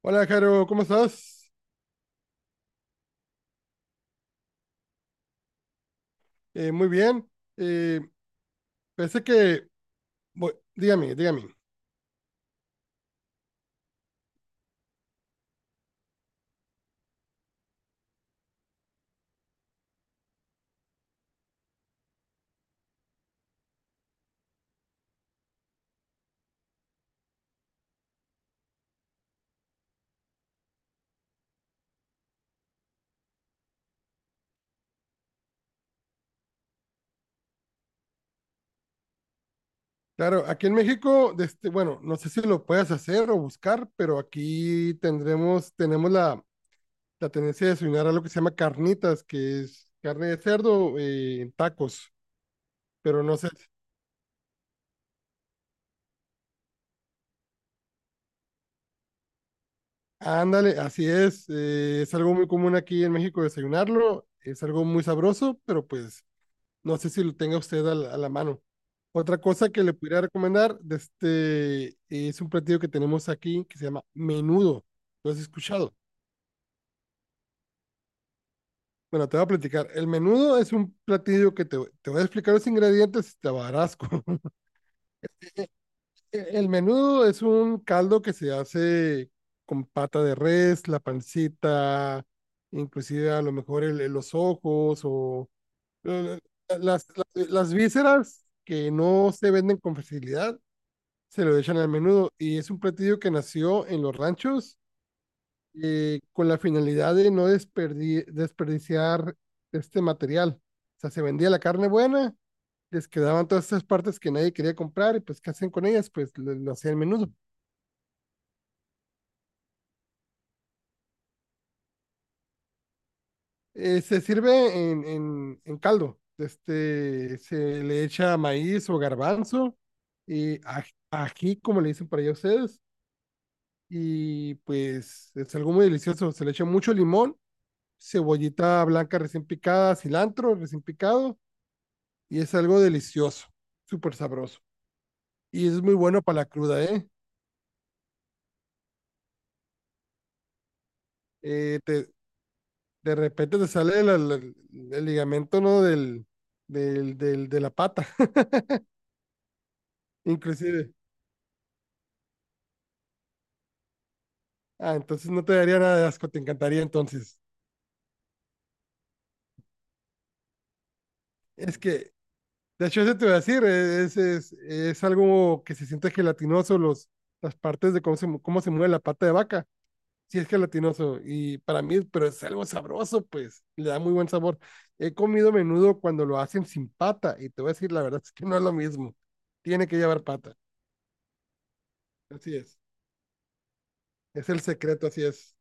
Hola, Jaro, ¿cómo estás? Muy bien. Eh, pensé que, Dígame, dígame. Claro, aquí en México, bueno, no sé si lo puedas hacer o buscar, pero aquí tenemos la tendencia de desayunar algo que se llama carnitas, que es carne de cerdo en tacos, pero no sé. Ándale, así es. Eh, es algo muy común aquí en México desayunarlo, es algo muy sabroso, pero pues no sé si lo tenga usted a la mano. Otra cosa que le pudiera recomendar es un platillo que tenemos aquí que se llama menudo. ¿Lo has escuchado? Bueno, te voy a platicar. El menudo es un platillo que te voy a explicar los ingredientes y te va a dar asco. El menudo es un caldo que se hace con pata de res, la pancita, inclusive a lo mejor los ojos o eh, las vísceras que no se venden con facilidad, se lo echan al menudo, y es un platillo que nació en los ranchos con la finalidad de no desperdiciar este material. O sea, se vendía la carne buena, les quedaban todas esas partes que nadie quería comprar y pues ¿qué hacen con ellas? Pues lo hacían al menudo. Se sirve en, en caldo, se le echa maíz o garbanzo y ají, como le dicen para allá ustedes, y pues es algo muy delicioso, se le echa mucho limón, cebollita blanca recién picada, cilantro recién picado, y es algo delicioso, súper sabroso. Y es muy bueno para la cruda, ¿eh? Eh, te, de repente te sale el ligamento, ¿no? De la pata, inclusive. Ah, entonces no te daría nada de asco, te encantaría entonces. Es que, de hecho, eso te voy a decir, es algo que se siente gelatinoso, las partes de cómo se, cómo se mueve la pata de vaca. Sí, es gelatinoso y para mí, pero es algo sabroso, pues, le da muy buen sabor. He comido menudo cuando lo hacen sin pata y te voy a decir la verdad, es que no es lo mismo. Tiene que llevar pata. Así es. Es el secreto, así es.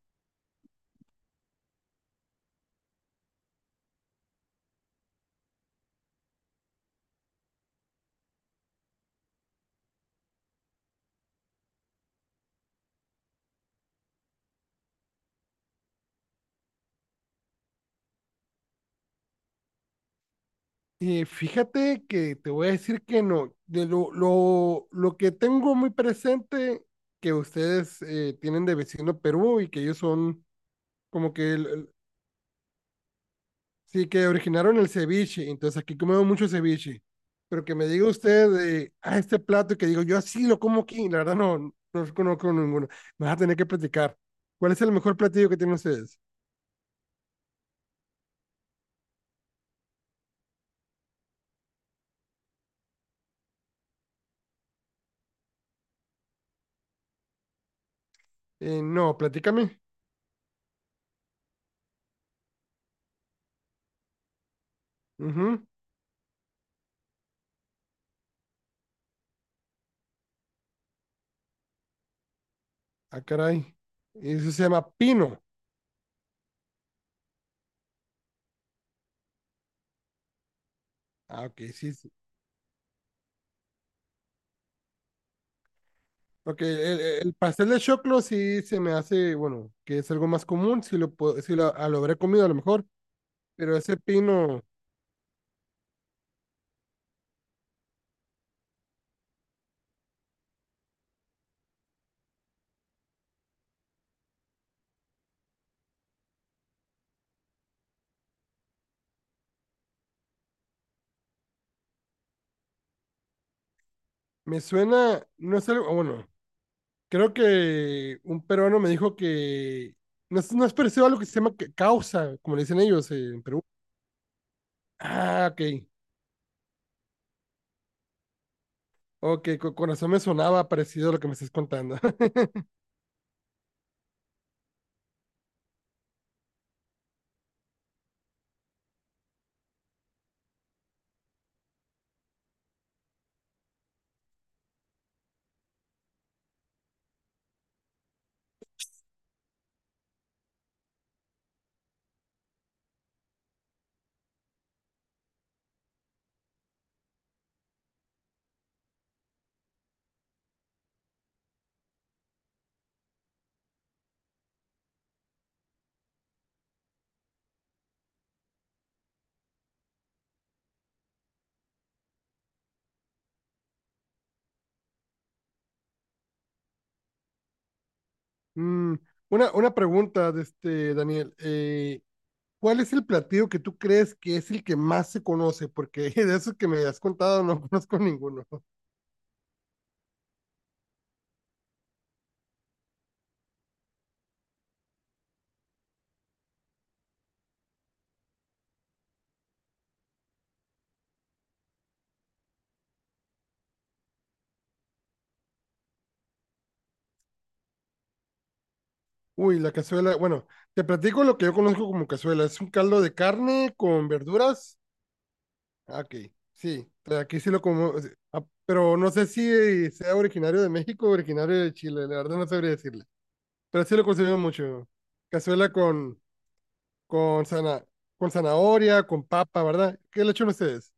Y fíjate que te voy a decir que no. De lo que tengo muy presente que ustedes tienen de vecino Perú y que ellos son como que sí, que originaron el ceviche, entonces aquí comemos mucho ceviche. Pero que me diga usted de este plato que digo, yo así lo como aquí, la verdad no, no conozco ninguno. Me vas a tener que platicar. ¿Cuál es el mejor platillo que tienen ustedes? No, platícame. Ujú. Ah, caray. Eso se llama pino. Ah, ok, sí, sí. Ok, el el pastel de choclo sí se me hace, bueno, que es algo más común, si lo, puedo- si lo, ah, lo habré comido a lo mejor, pero ese pino me suena, no es algo, bueno, creo que un peruano me dijo que no es, no es parecido a lo que se llama causa, como le dicen ellos en Perú. Ah, ok. Ok, con razón me sonaba parecido a lo que me estás contando. Mm, una pregunta Daniel. ¿Cuál es el platillo que tú crees que es el que más se conoce? Porque de esos que me has contado no conozco ninguno. Uy, la cazuela. Bueno, te platico lo que yo conozco como cazuela. Es un caldo de carne con verduras. Ah, ok, sí, pero aquí sí lo como, o sea, pero no sé si sea originario de México o originario de Chile, la verdad no sabría decirle, pero sí lo consumimos mucho. Cazuela con, zana- con zanahoria, con papa, ¿verdad? ¿Qué le echan ustedes?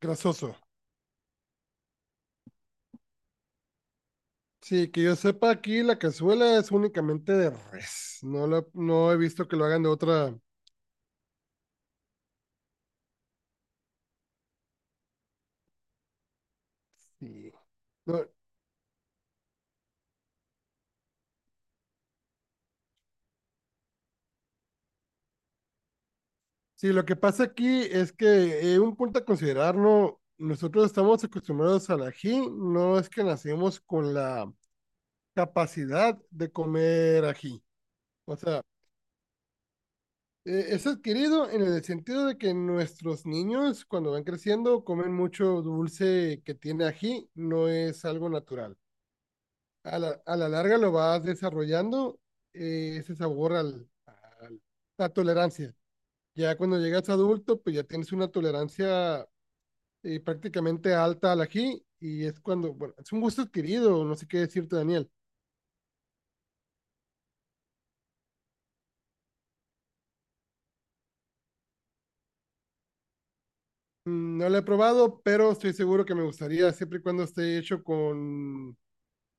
Grasoso. Sí, que yo sepa aquí la cazuela es únicamente de res, no, no he visto que lo hagan de otra, sí. No, sí, lo que pasa aquí es que un punto a considerar, ¿no? Nosotros estamos acostumbrados al ají, no es que nacemos con la capacidad de comer ají. O sea, es adquirido en el sentido de que nuestros niños cuando van creciendo comen mucho dulce que tiene ají, no es algo natural. A la larga lo vas desarrollando ese sabor al- la tolerancia. Ya cuando llegas adulto, pues ya tienes una tolerancia y prácticamente alta al ají y es cuando, bueno, es un gusto adquirido, no sé qué decirte, Daniel. Mm, no lo he probado, pero estoy seguro que me gustaría siempre y cuando esté hecho con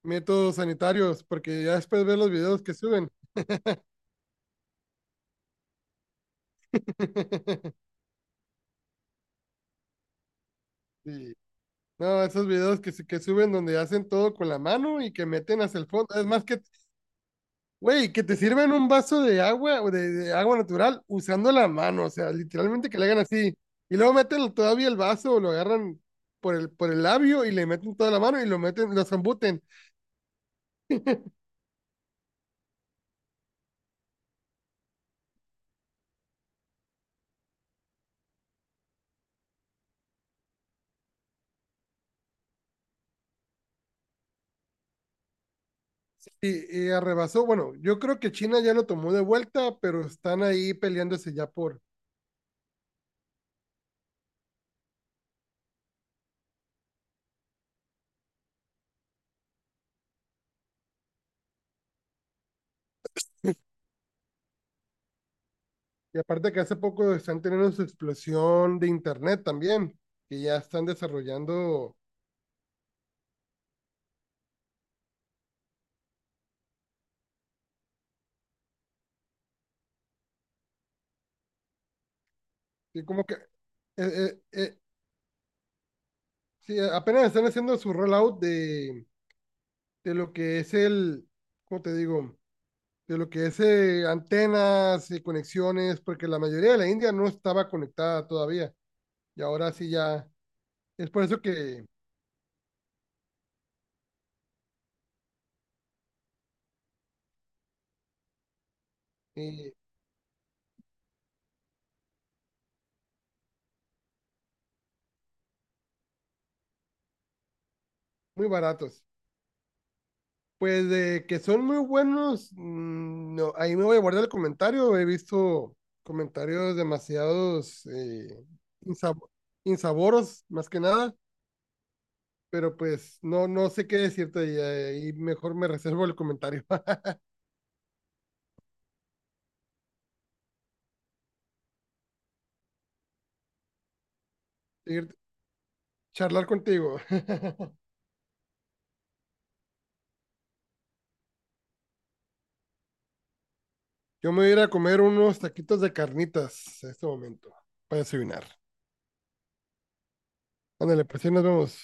métodos sanitarios, porque ya después ver los videos que suben. Sí. No, esos videos que suben donde hacen todo con la mano y que meten hacia el fondo. Es más que güey, que te sirven un vaso de agua o de agua natural usando la mano, o sea, literalmente que le hagan así. Y luego meten todavía el vaso o lo agarran por por el labio y le meten toda la mano y lo meten, lo zambuten. Arrebasó, bueno, yo creo que China ya lo tomó de vuelta, pero están ahí peleándose ya por. Y aparte que hace poco están teniendo su explosión de internet también, que ya están desarrollando, y como que, eh, eh, sí, apenas están haciendo su rollout de lo que es el, ¿cómo te digo? De lo que es antenas y conexiones, porque la mayoría de la India no estaba conectada todavía. Y ahora sí ya, es por eso que eh, muy baratos. Pues de que son muy buenos, mm, no, ahí me voy a guardar el comentario. He visto comentarios demasiados insab- insaboros, más que nada, pero pues no, no sé qué decirte y ahí mejor me reservo el comentario. Seguirte- Charlar contigo. Yo me voy a ir a comer unos taquitos de carnitas en este momento para desayunar. Ándale, pues sí, nos vemos.